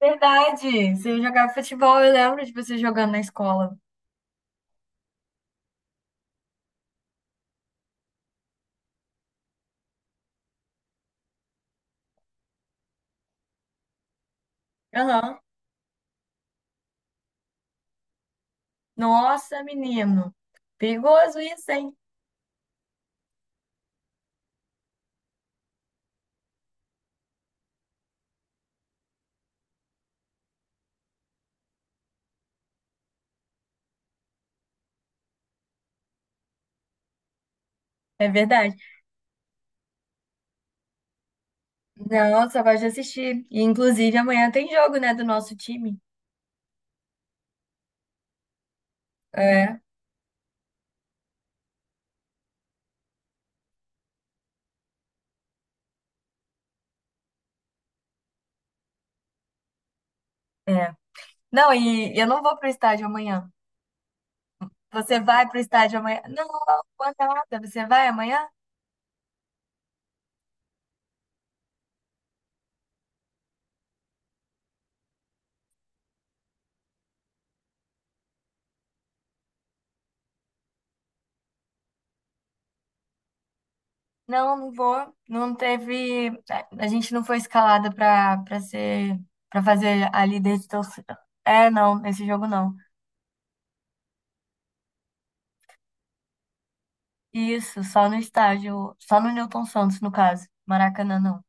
Verdade, você jogava futebol, eu lembro de você jogando na escola. Aham. Nossa, menino. Perigoso isso, hein? É verdade. Não, só gosto de assistir. E, inclusive, amanhã tem jogo, né, do nosso time. É, é. Não, e eu não vou pro estádio amanhã. Você vai pro estádio amanhã? Não, não vou nada. Você vai amanhã? Não, não vou. Não teve. A gente não foi escalada pra ser. Pra fazer a líder de torcida. É, não, esse jogo não. Isso, só no estádio, só no Newton Santos, no caso. Maracanã, não.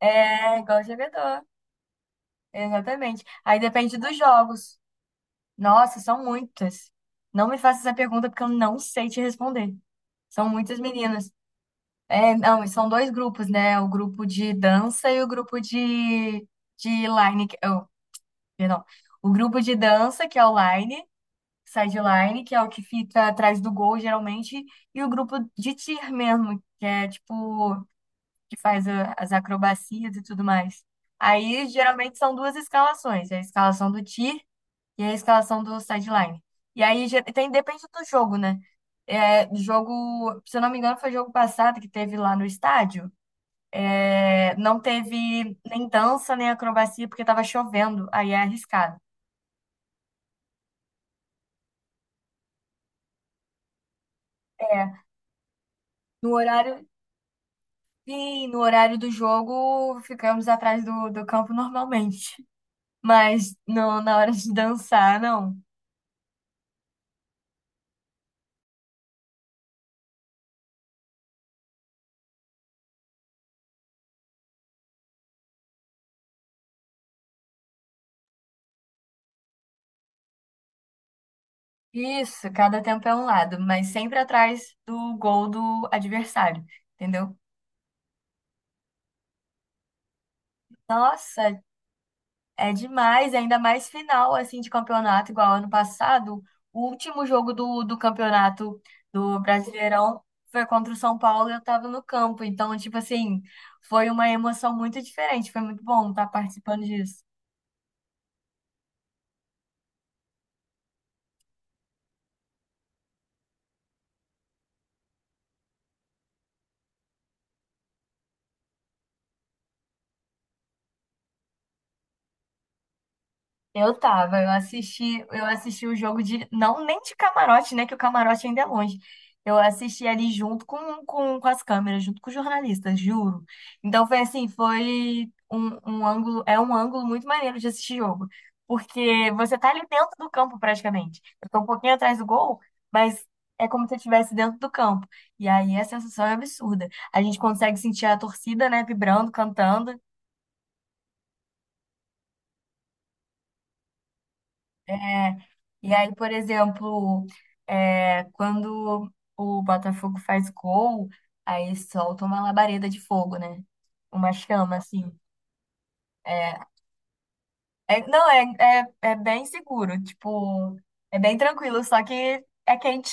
É, igual jogador. Exatamente. Aí depende dos jogos. Nossa, são muitas. Não me faça essa pergunta porque eu não sei te responder. São muitas meninas. É, não, e são dois grupos, né? O grupo de dança e o grupo de line. Oh, perdão. O grupo de dança, que é o line, sideline, que é o que fica atrás do gol, geralmente, e o grupo de tir mesmo, que é tipo. Que faz as acrobacias e tudo mais. Aí, geralmente, são duas escalações, a escalação do tier e a escalação do sideline. E aí, tem, depende do jogo, né? É, jogo, se eu não me engano, foi jogo passado que teve lá no estádio. É, não teve nem dança, nem acrobacia, porque tava chovendo, aí é arriscado. É, no horário, sim, no horário do jogo, ficamos atrás do, do campo normalmente. Mas não, na hora de dançar, não. Isso, cada tempo é um lado, mas sempre atrás do gol do adversário, entendeu? Nossa, é demais, ainda mais final assim de campeonato, igual ano passado, o último jogo do, do campeonato do Brasileirão foi contra o São Paulo e eu tava no campo, então, tipo assim, foi uma emoção muito diferente, foi muito bom estar participando disso. Eu tava, eu assisti o jogo de, não nem de camarote, né, que o camarote ainda é longe. Eu assisti ali junto com as câmeras, junto com os jornalistas, juro. Então foi assim, foi um, um ângulo, é um ângulo muito maneiro de assistir jogo, porque você tá ali dentro do campo praticamente. Eu tô um pouquinho atrás do gol, mas é como se eu estivesse dentro do campo. E aí a sensação é absurda. A gente consegue sentir a torcida, né, vibrando, cantando. É, e aí, por exemplo, é, quando o Botafogo faz gol, aí solta uma labareda de fogo, né? Uma chama, assim. É, é- não, é, é, é bem seguro, tipo, é bem tranquilo, só que é quente.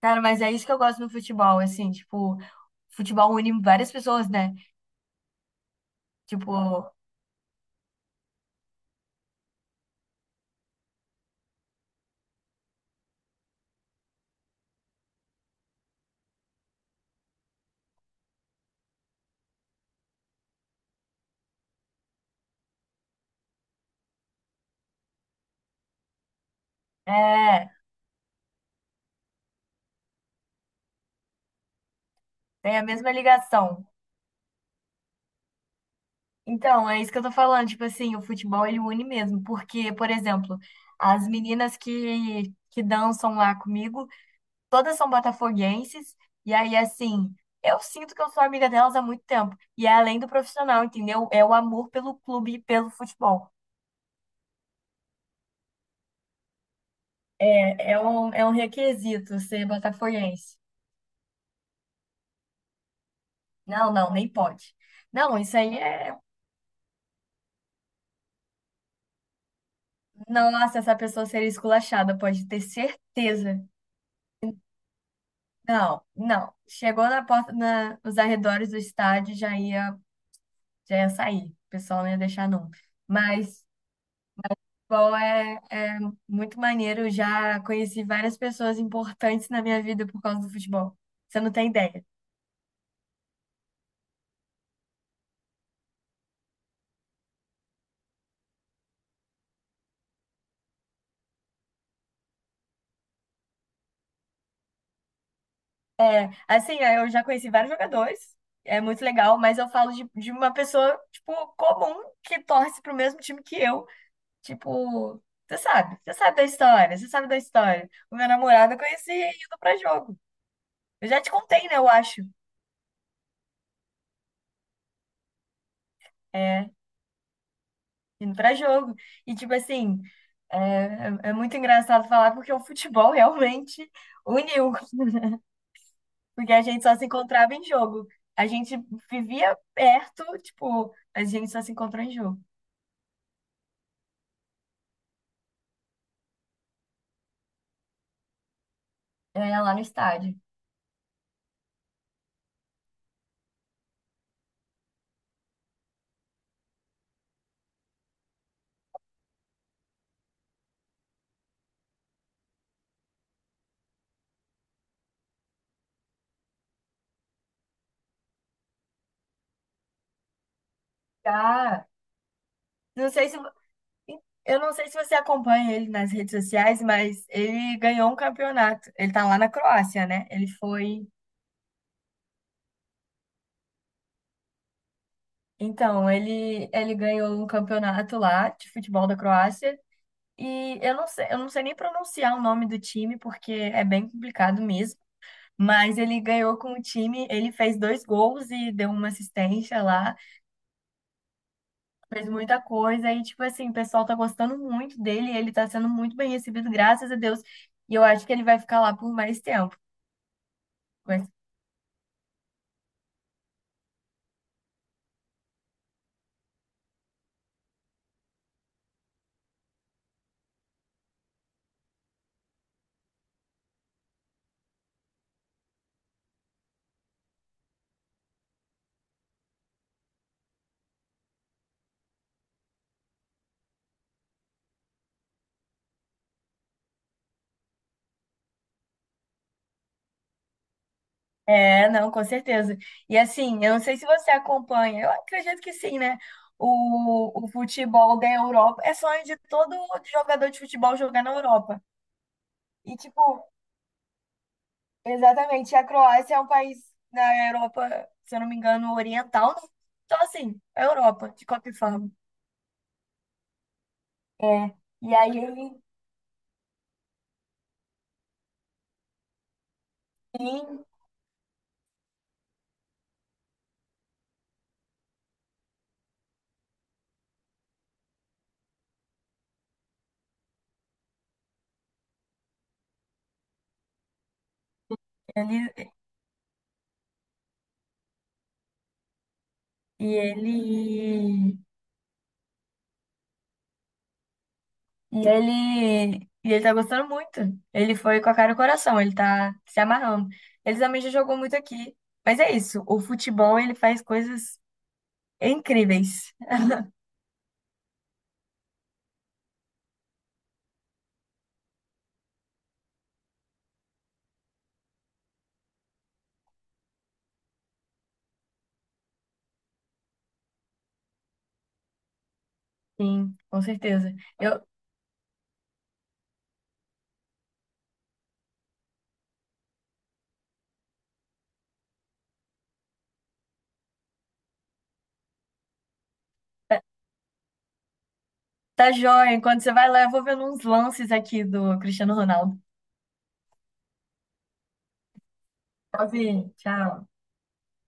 Cara, mas é isso que eu gosto no futebol, assim, tipo, futebol une várias pessoas, né? Tipo, é, tem a mesma ligação. Então, é isso que eu tô falando, tipo assim, o futebol ele une mesmo, porque, por exemplo, as meninas que dançam lá comigo, todas são botafoguenses, e aí assim, eu sinto que eu sou amiga delas há muito tempo, e é além do profissional, entendeu? É o amor pelo clube e pelo futebol. É, é um requisito ser botafoguense. Não, não, nem pode. Não, isso aí é. Nossa, essa pessoa seria esculachada, pode ter certeza. Não, não. Chegou na porta, na, nos arredores do estádio, já ia sair. O pessoal não ia deixar, não. Mas, bom, é muito maneiro. Eu já conheci várias pessoas importantes na minha vida por causa do futebol. Você não tem ideia. Assim, é, eu já conheci vários jogadores. É muito legal, mas eu falo de uma pessoa, tipo, comum, que torce pro mesmo time que eu. Tipo, você sabe da história. O meu namorado eu conheci indo pra jogo. Eu já te contei, né, eu acho. É, indo pra jogo. E, tipo assim, é, é muito engraçado falar porque o futebol realmente uniu, porque a gente só se encontrava em jogo. A gente vivia perto, tipo, a gente só se encontrou em jogo, é, lá no estádio. Tá. Não sei se, eu não sei se você acompanha ele nas redes sociais, mas ele ganhou um campeonato. Ele tá lá na Croácia, né? Ele foi. Então, ele ganhou um campeonato lá de futebol da Croácia. E eu não sei nem pronunciar o nome do time, porque é bem complicado mesmo. Mas ele ganhou com o time, ele fez dois gols e deu uma assistência lá, fez muita coisa. E, tipo assim, o pessoal tá gostando muito dele, ele tá sendo muito bem recebido, graças a Deus. E eu acho que ele vai ficar lá por mais tempo. Mas- é, não, com certeza. E assim, eu não sei se você acompanha, eu acredito que sim, né? O futebol da Europa é sonho de todo jogador de futebol jogar na Europa. E, tipo, exatamente. E a Croácia é um país na Europa, se eu não me engano, oriental, né? Então, assim, é Europa, de qualquer forma. É. E aí ele, sim, ele, e ele, e ele, e ele tá gostando muito. Ele foi com a cara e o coração, ele tá se amarrando. Ele também já jogou muito aqui. Mas é isso, o futebol, ele faz coisas incríveis. Sim, com certeza. Eu, tá tá joia, enquanto você vai lá, eu vou vendo uns lances aqui do Cristiano Ronaldo. Sozinho, tchau.